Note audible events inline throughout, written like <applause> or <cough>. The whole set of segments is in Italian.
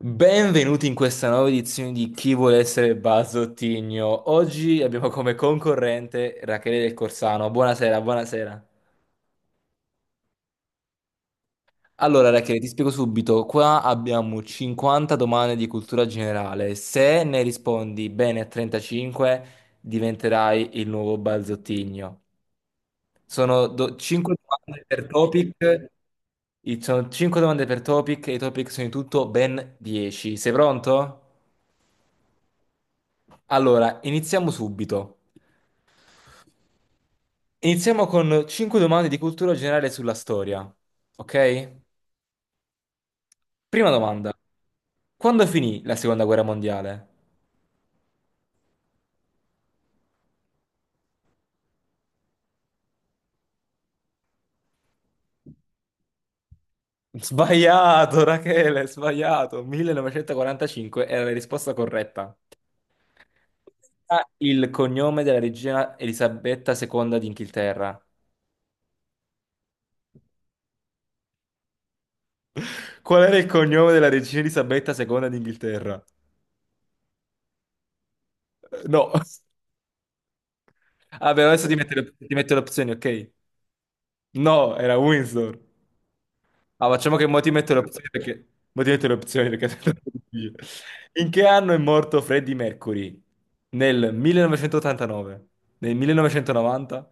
Benvenuti in questa nuova edizione di Chi vuole essere Bazzottigno. Oggi abbiamo come concorrente Rachele del Corsano. Buonasera, buonasera. Allora, Rachele, ti spiego subito. Qua abbiamo 50 domande di cultura generale. Se ne rispondi bene a 35, diventerai il nuovo Bazzottigno. Sono 5 domande per topic. Sono 5 domande per topic e i topic sono in tutto ben 10. Sei pronto? Allora, iniziamo subito. Iniziamo con 5 domande di cultura generale sulla storia, ok? Prima domanda. Quando finì la seconda guerra mondiale? Sbagliato, Rachele, sbagliato. 1945 era la risposta corretta. Ah, il cognome della regina Elisabetta II d'Inghilterra. Qual era il cognome della regina Elisabetta II d'Inghilterra? No. <laughs> Vabbè, adesso ti metto le opzioni, ok? No, era Windsor. Ah, facciamo che mo ti metto le opzioni perché, mo ti metto le opzioni perché, <laughs> è troppo difficile. In che anno è morto Freddie Mercury? Nel 1989, nel 1990,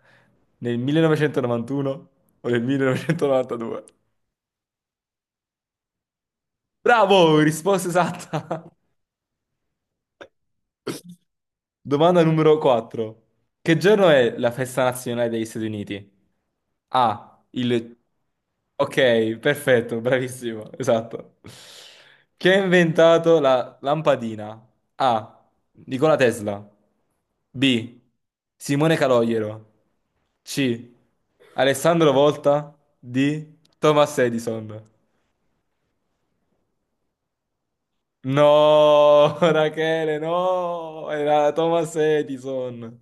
nel 1991 o nel 1992? Bravo! Risposta esatta! <laughs> <laughs> Domanda numero 4. Che giorno è la festa nazionale degli Stati Uniti? A. Il... Ok, perfetto, bravissimo, esatto. Chi ha inventato la lampadina? A. Nikola Tesla. B. Simone Calogero. C. Alessandro Volta. D. Thomas Edison. No, <laughs> Rachele, no, era Thomas Edison.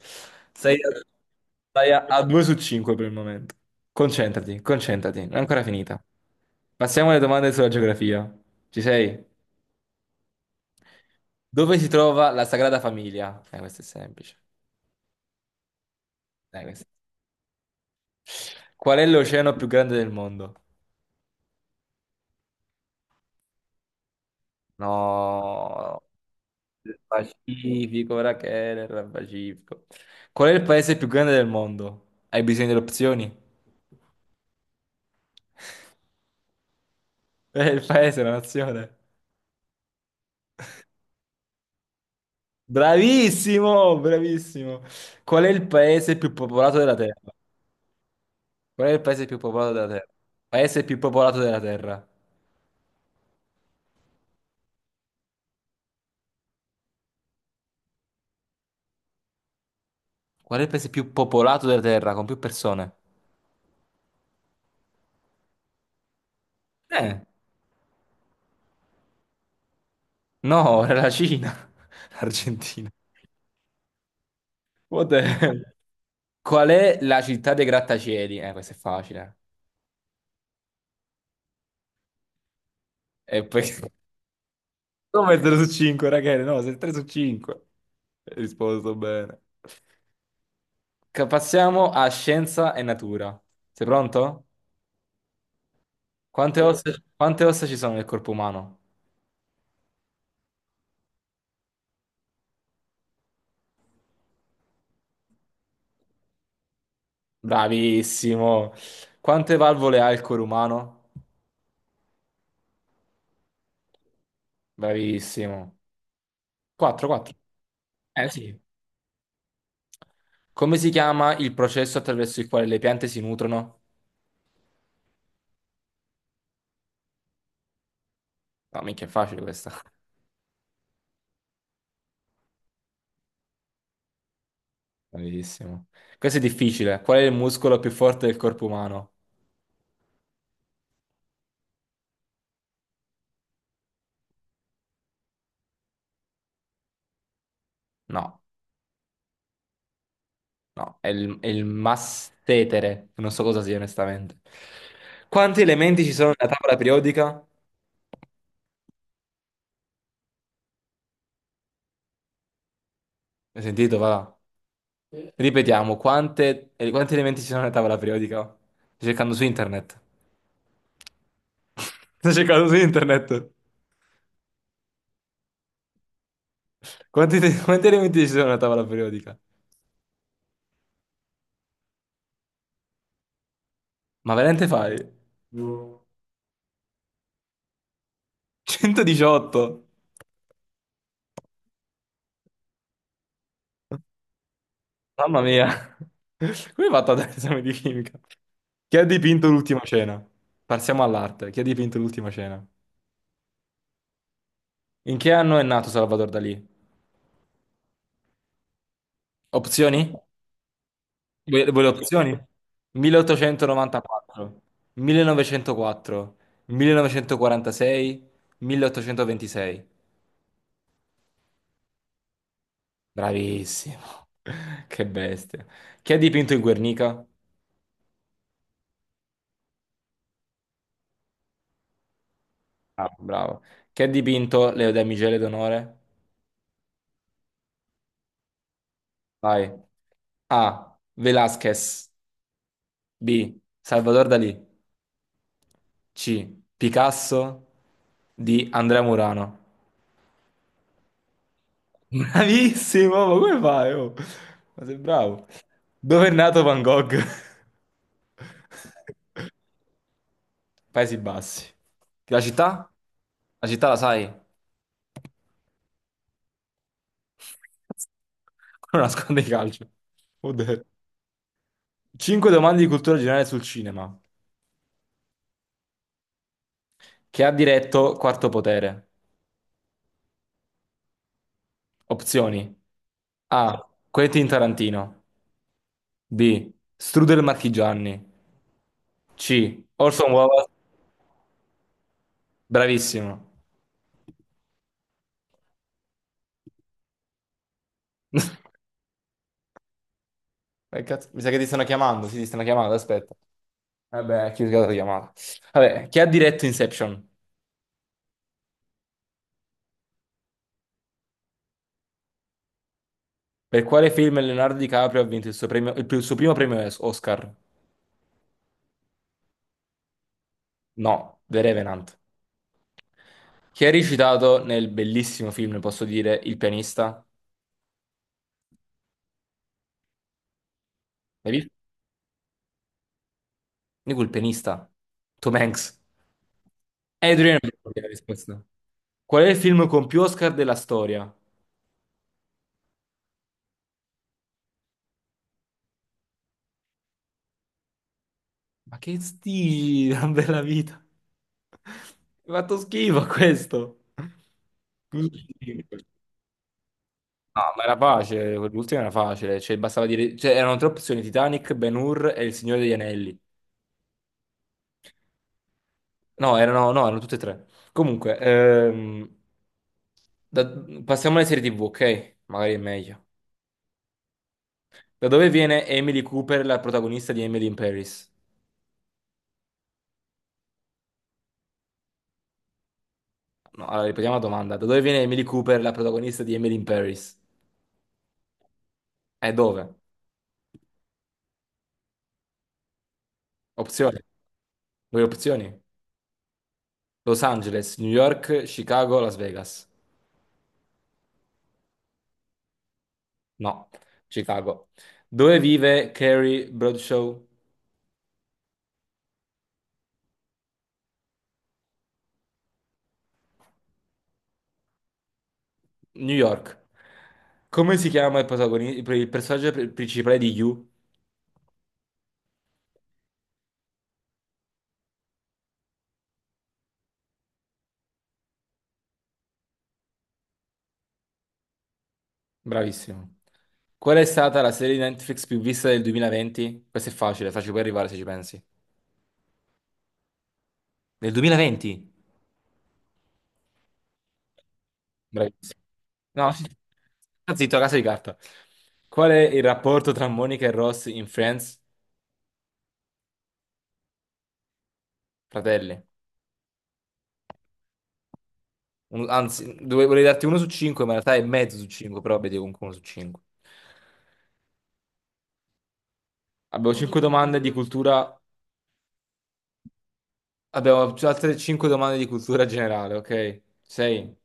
Sei a, sei a 2 su 5 per il momento. Concentrati, concentrati, non è ancora finita. Passiamo alle domande sulla geografia. Ci sei? Dove si trova la Sagrada Famiglia? Questo è semplice. Dai, questo-. Qual è l'oceano più grande del mondo? No, il Pacifico, Rachele, era il Pacifico. Qual è il paese più grande del mondo? Hai bisogno delle opzioni? È il paese, la nazione. Bravissimo, bravissimo. Qual è il paese più popolato della Terra? Qual è il paese più popolato della Terra? Paese più popolato della Terra. Qual è il paese più popolato della Terra con più persone? Eh, no, era la Cina. <laughs> L'Argentina. What the hell? Qual è la città dei grattacieli? Questo è facile. E poi. <laughs> Come 3 su 5, ragazzi? No, sei 3 su 5. Hai risposto bene. Passiamo a scienza e natura. Sei pronto? Quante ossa, quante ossa ci sono nel corpo umano? Bravissimo. Quante valvole ha il cuore umano? Bravissimo. 4, 4. Eh sì. Come si chiama il processo attraverso il quale le piante si nutrono? No, minchia, è facile questa. <laughs> Bravissimo. Questo è difficile. Qual è il muscolo più forte del corpo umano? No, no, è il massetere. Non so cosa sia, onestamente. Quanti elementi ci sono nella tavola periodica? Hai sentito? Va. Sì. Ripetiamo, quanti elementi ci sono nella tavola periodica? Sto cercando su internet. <laughs> Sto cercando su internet. Quanti elementi ci sono nella tavola periodica? Ma veramente fai? No. 118. Mamma mia. Come hai fatto ad avere l'esame di chimica? Chi ha dipinto l'ultima cena? Passiamo all'arte. Chi ha dipinto l'ultima cena? In che anno è nato Salvador Dalì? Opzioni? Vuoi le opzioni? 1894, 1904, 1946, 1826. Bravissimo. <laughs> Che bestia. Chi ha dipinto il Guernica? Bravo, bravo. Chi ha dipinto le damigelle d'onore? Vai. A. Velázquez. B. Salvador Dalì. C. Picasso. D. Andrea Murano. Bravissimo, ma come fai? Oh? Ma sei bravo. Dove è nato Van Gogh? Paesi Bassi. La città? La città la sai? Quello nasconde i calcio. 5 domande di cultura generale sul cinema. Che ha diretto Quarto Potere? Opzioni. A. Quentin Tarantino. B. Strudel Marchigiani. C. Orson Welles. Bravissimo. <laughs> Cazzo, mi sa che ti stanno chiamando, sì, ti stanno chiamando, aspetta. Vabbè, chi la chiamata. Vabbè, chi ha diretto Inception? Per quale film Leonardo DiCaprio ha vinto il suo primo premio Oscar? No, The Revenant. Chi ha recitato nel bellissimo film, posso dire, Il pianista? Hai visto? Dico il pianista. Tom Hanks. Adrian Brody è la risposta. Qual è il film con più Oscar della storia? <laughs> La bella vita. Mi ha fatto schifo questo. No, ma era facile, quell'ultimo era facile, cioè bastava dire, cioè erano tre opzioni, Titanic, Ben-Hur e Il Signore degli Anelli. No, erano, no, erano tutte e tre. Comunque, da- passiamo alle serie TV, ok? Magari è meglio. Da dove viene Emily Cooper, la protagonista di Emily in Paris? No, allora ripetiamo la domanda. Da dove viene Emily Cooper, la protagonista di Emily in Paris? E dove? Opzioni. Due opzioni. Los Angeles, New York, Chicago, Las Vegas. No, Chicago. Dove vive Carrie Bradshaw? New York. Come si chiama il personaggio principale di You? Bravissimo. Qual è stata la serie di Netflix più vista del 2020? Questo è facile, facile puoi arrivare se ci pensi. Del 2020? Bravissimo. No, <laughs> sì. Sta Zitto, casa di carta. Qual è il rapporto tra Monica e Ross in Friends? Fratelli. Anzi, volevo darti 1 su 5, ma in realtà è mezzo su cinque, però vedi comunque 1 su 5. Abbiamo 5 domande di cultura. Abbiamo altre 5 domande di cultura generale, ok? 6.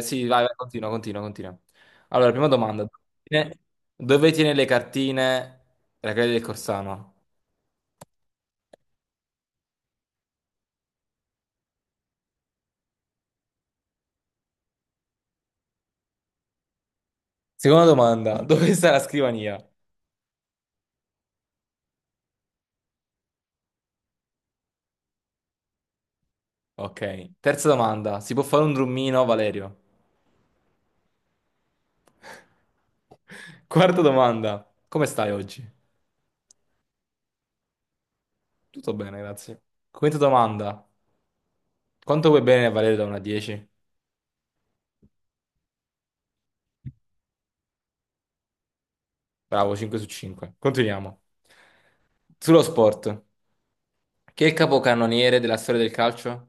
Sì, vai, vai, continua, continua, continua. Allora, prima domanda. Dove dove tiene le cartine la credenza del Corsano? Seconda domanda. <laughs> Dove sta la scrivania? Ok. Terza domanda. Si può fare un drummino, Valerio? Quarta domanda. Come stai oggi? Tutto bene, grazie. Quinta domanda. Quanto vuoi bene, Valerio, da 1 a 10? Bravo, 5 su 5. Continuiamo. Sullo sport. Chi è il capocannoniere della storia del calcio?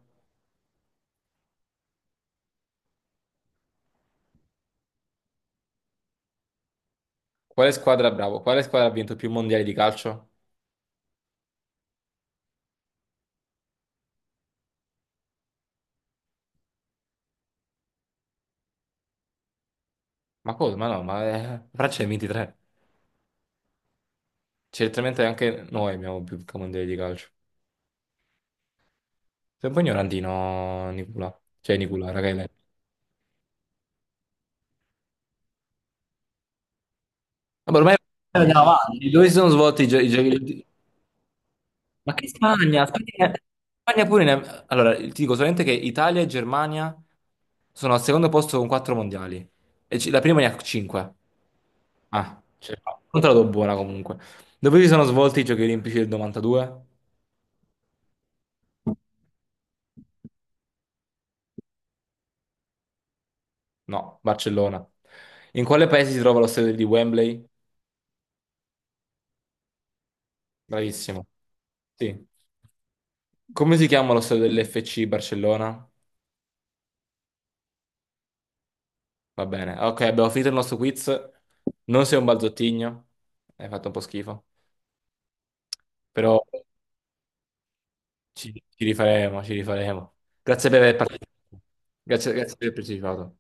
Quale squadra, bravo, quale squadra ha vinto più mondiali di calcio? Ma cosa? Ma no, ma la Francia ne ha 23. Certamente anche noi abbiamo più mondiali di calcio. Sei un po' ignorantino, Nicola. Cioè, Nicola, raga, hai letto. Vabbè, ormai andiamo avanti. Dove si sono svolti i giochi? Ma che Spagna? Spagna, Spagna pure Allora, ti dico solamente che Italia e Germania sono al secondo posto con 4 mondiali. La prima ne ha 5. Ah, sì. Non te la do buona comunque. Dove si sono svolti i Giochi Olimpici del 92? No, Barcellona. In quale paese si trova lo stadio di Wembley? Bravissimo. Sì. Come si chiama lo stadio dell'FC Barcellona? Va bene. Ok, abbiamo finito il nostro quiz. Non sei un balzottino. Hai fatto un po' schifo. Però ci rifaremo, ci rifaremo. Grazie per aver partecipato. Grazie, grazie per aver partecipato.